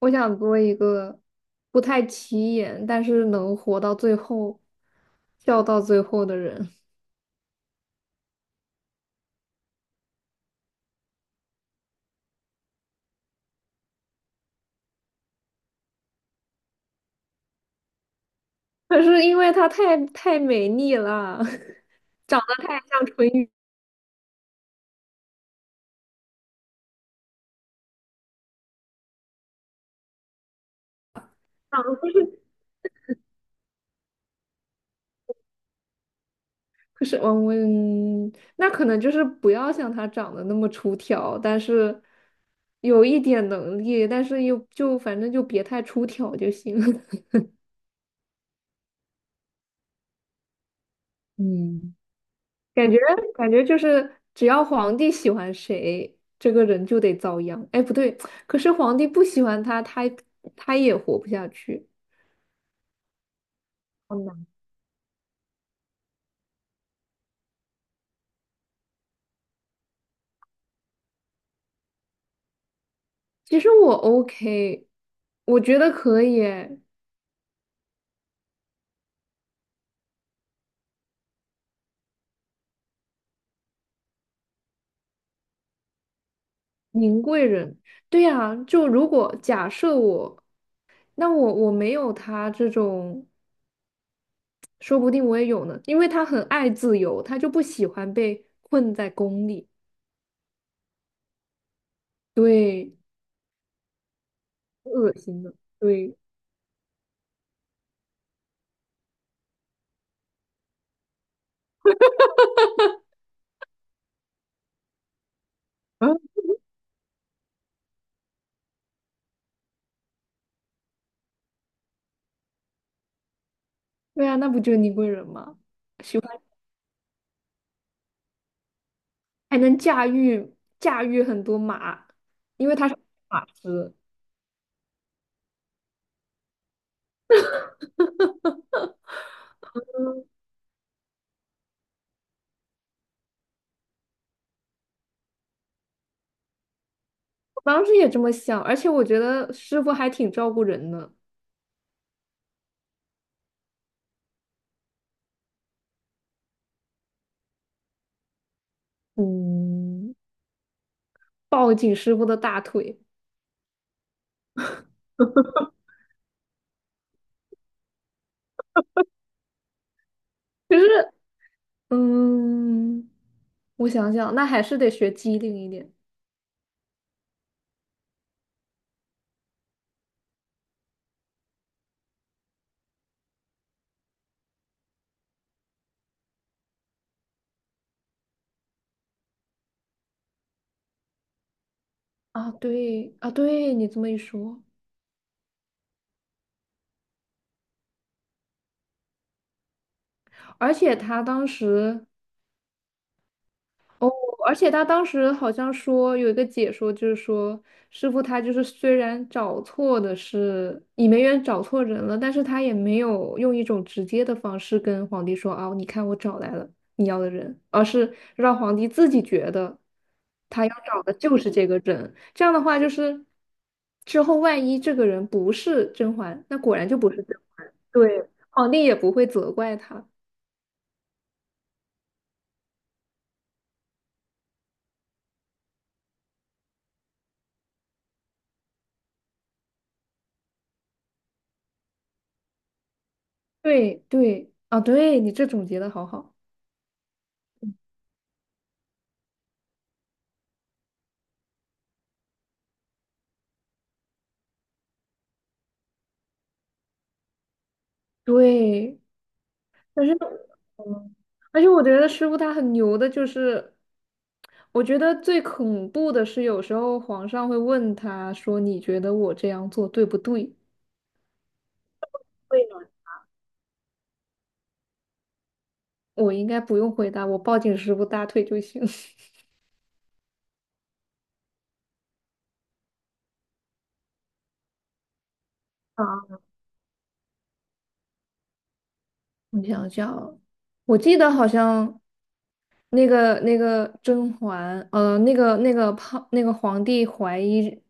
我想做一个不太起眼，但是能活到最后、笑到最后的人。可是因为她太美丽了，长得太像淳于丧了。可是，那可能就是不要像她长得那么出挑，但是有一点能力，但是又就反正就别太出挑就行。嗯。感觉感觉就是只要皇帝喜欢谁，这个人就得遭殃。哎，不对，可是皇帝不喜欢他，他也活不下去。好难。其实我 OK，我觉得可以诶。宁贵人，对呀，就如果假设我，那我没有他这种，说不定我也有呢，因为他很爱自由，他就不喜欢被困在宫里。对，恶心的，对。嗯，对啊，那不就是宁贵人吗？还能驾驭很多马，因为他是马师。我当时也这么想，而且我觉得师傅还挺照顾人的，嗯，抱紧师傅的大腿。可是，嗯，我想想，那还是得学机灵一点啊。对啊，对你这么一说，而且他当时哦，而且他当时好像说有一个解说，就是说师傅他就是虽然找错的是倚梅园找错人了，但是他也没有用一种直接的方式跟皇帝说啊，你看我找来了你要的人，而是让皇帝自己觉得他要找的就是这个人。这样的话，就是之后万一这个人不是甄嬛，那果然就不是甄嬛，对，皇帝也不会责怪他。对对，啊，对你这总结的好好。对，但是，嗯，而且我觉得师傅他很牛的，就是我觉得最恐怖的是，有时候皇上会问他说："你觉得我这样做对不对？"对呢。我应该不用回答，我抱紧师傅大腿就行。啊，我想想，我记得好像那个甄嬛，那个那个胖那个皇帝怀疑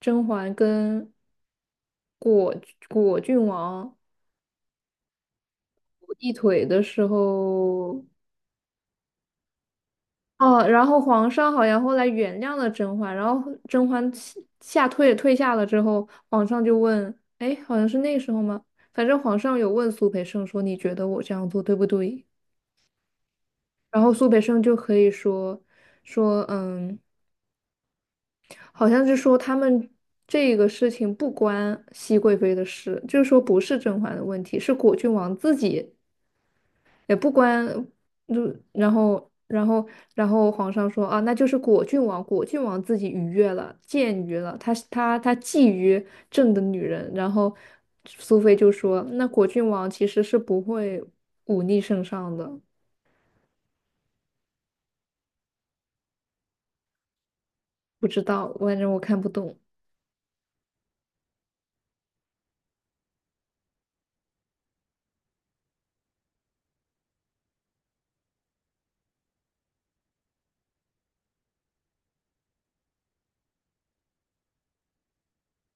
甄嬛跟果果郡王。一腿的时候，哦，然后皇上好像后来原谅了甄嬛，然后甄嬛下下退退下了之后，皇上就问，哎，好像是那个时候吗？反正皇上有问苏培盛说，你觉得我这样做对不对？然后苏培盛就可以说，嗯，好像是说他们这个事情不关熹贵妃的事，就是说不是甄嬛的问题，是果郡王自己也不关，就然后皇上说啊，那就是果郡王，果郡王自己逾越了，僭越了，他觊觎朕的女人，然后苏菲就说，那果郡王其实是不会忤逆圣上的，不知道，反正我看不懂。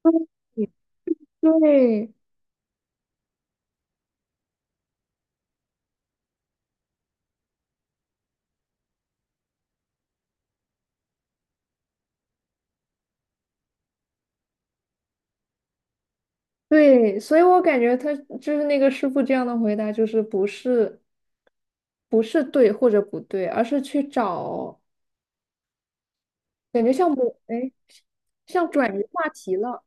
对对对，所以我感觉他就是那个师傅这样的回答，就是不是对或者不对，而是去找感觉像我，哎，像转移话题了。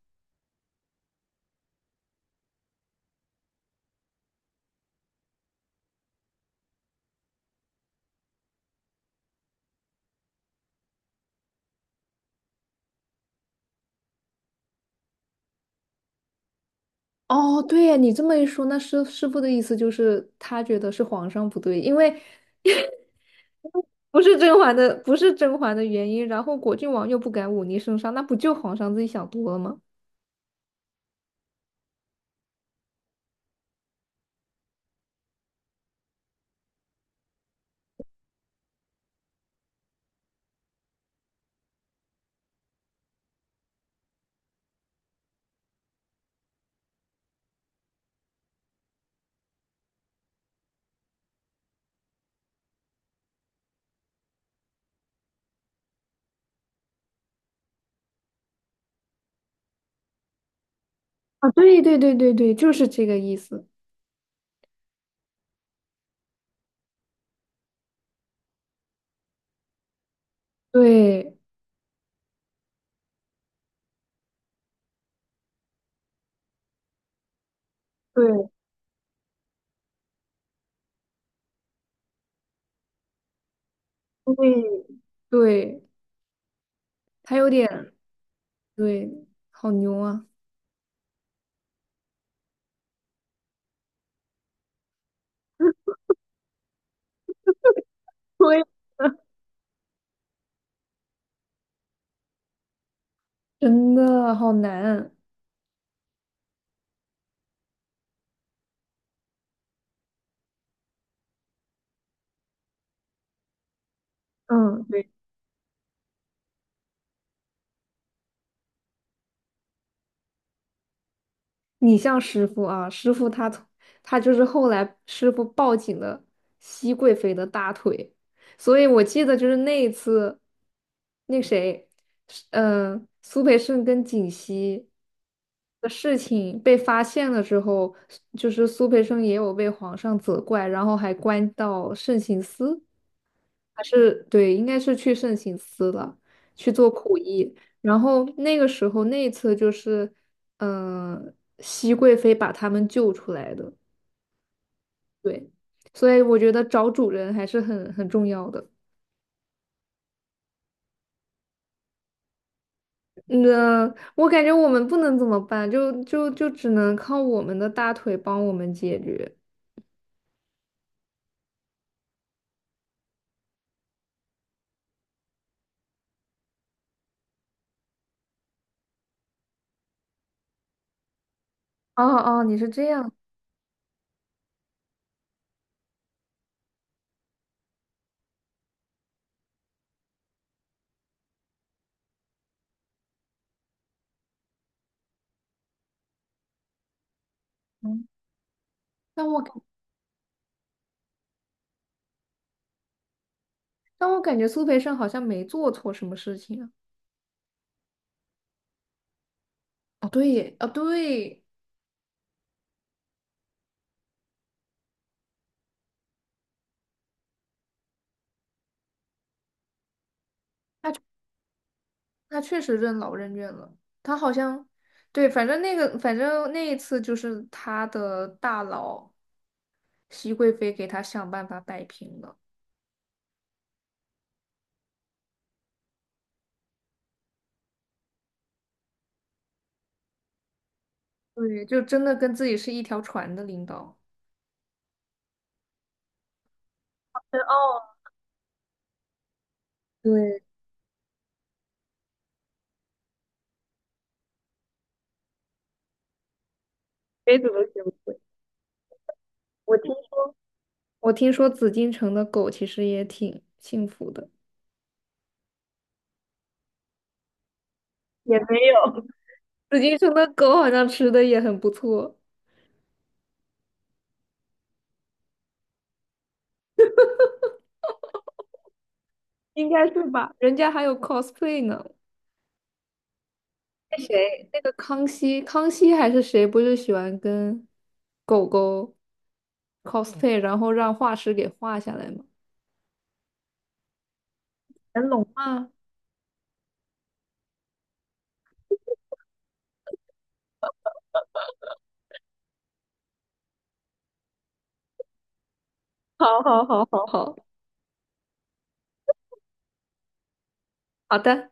哦，对呀，你这么一说，那师傅的意思就是他觉得是皇上不对，因为不是甄嬛的原因，然后果郡王又不敢忤逆圣上，那不就皇上自己想多了吗？啊，对，就是这个意思。对对对对，他有点对，好牛啊！对，真的好难。嗯，对。你像师傅啊，师傅他从他就是后来师傅抱紧了熹贵妃的大腿，所以我记得就是那一次，那谁，苏培盛跟槿汐的事情被发现了之后，就是苏培盛也有被皇上责怪，然后还关到慎刑司。还是对，应该是去圣心司了，去做苦役。然后那个时候那一次就是，嗯、熹贵妃把他们救出来的。对，所以我觉得找主人还是很重要的。那我感觉我们不能怎么办，就只能靠我们的大腿帮我们解决。哦哦，你是这样，嗯，但我感但我感觉苏培盛好像没做错什么事情啊。哦，对耶，他确实任劳任怨了。他好像，对，反正那一次就是他的大佬熹贵妃给他想办法摆平了。对，就真的跟自己是一条船的领导。哦，对，谁怎么学不会，我听我听说紫禁城的狗其实也挺幸福的，也没有，紫禁城的狗好像吃的也很不错，应该是吧？人家还有 cosplay 呢。那谁，那个康熙，康熙还是谁，不是喜欢跟狗狗 cosplay，然后让画师给画下来吗？乾隆吗？好好好好好，好的。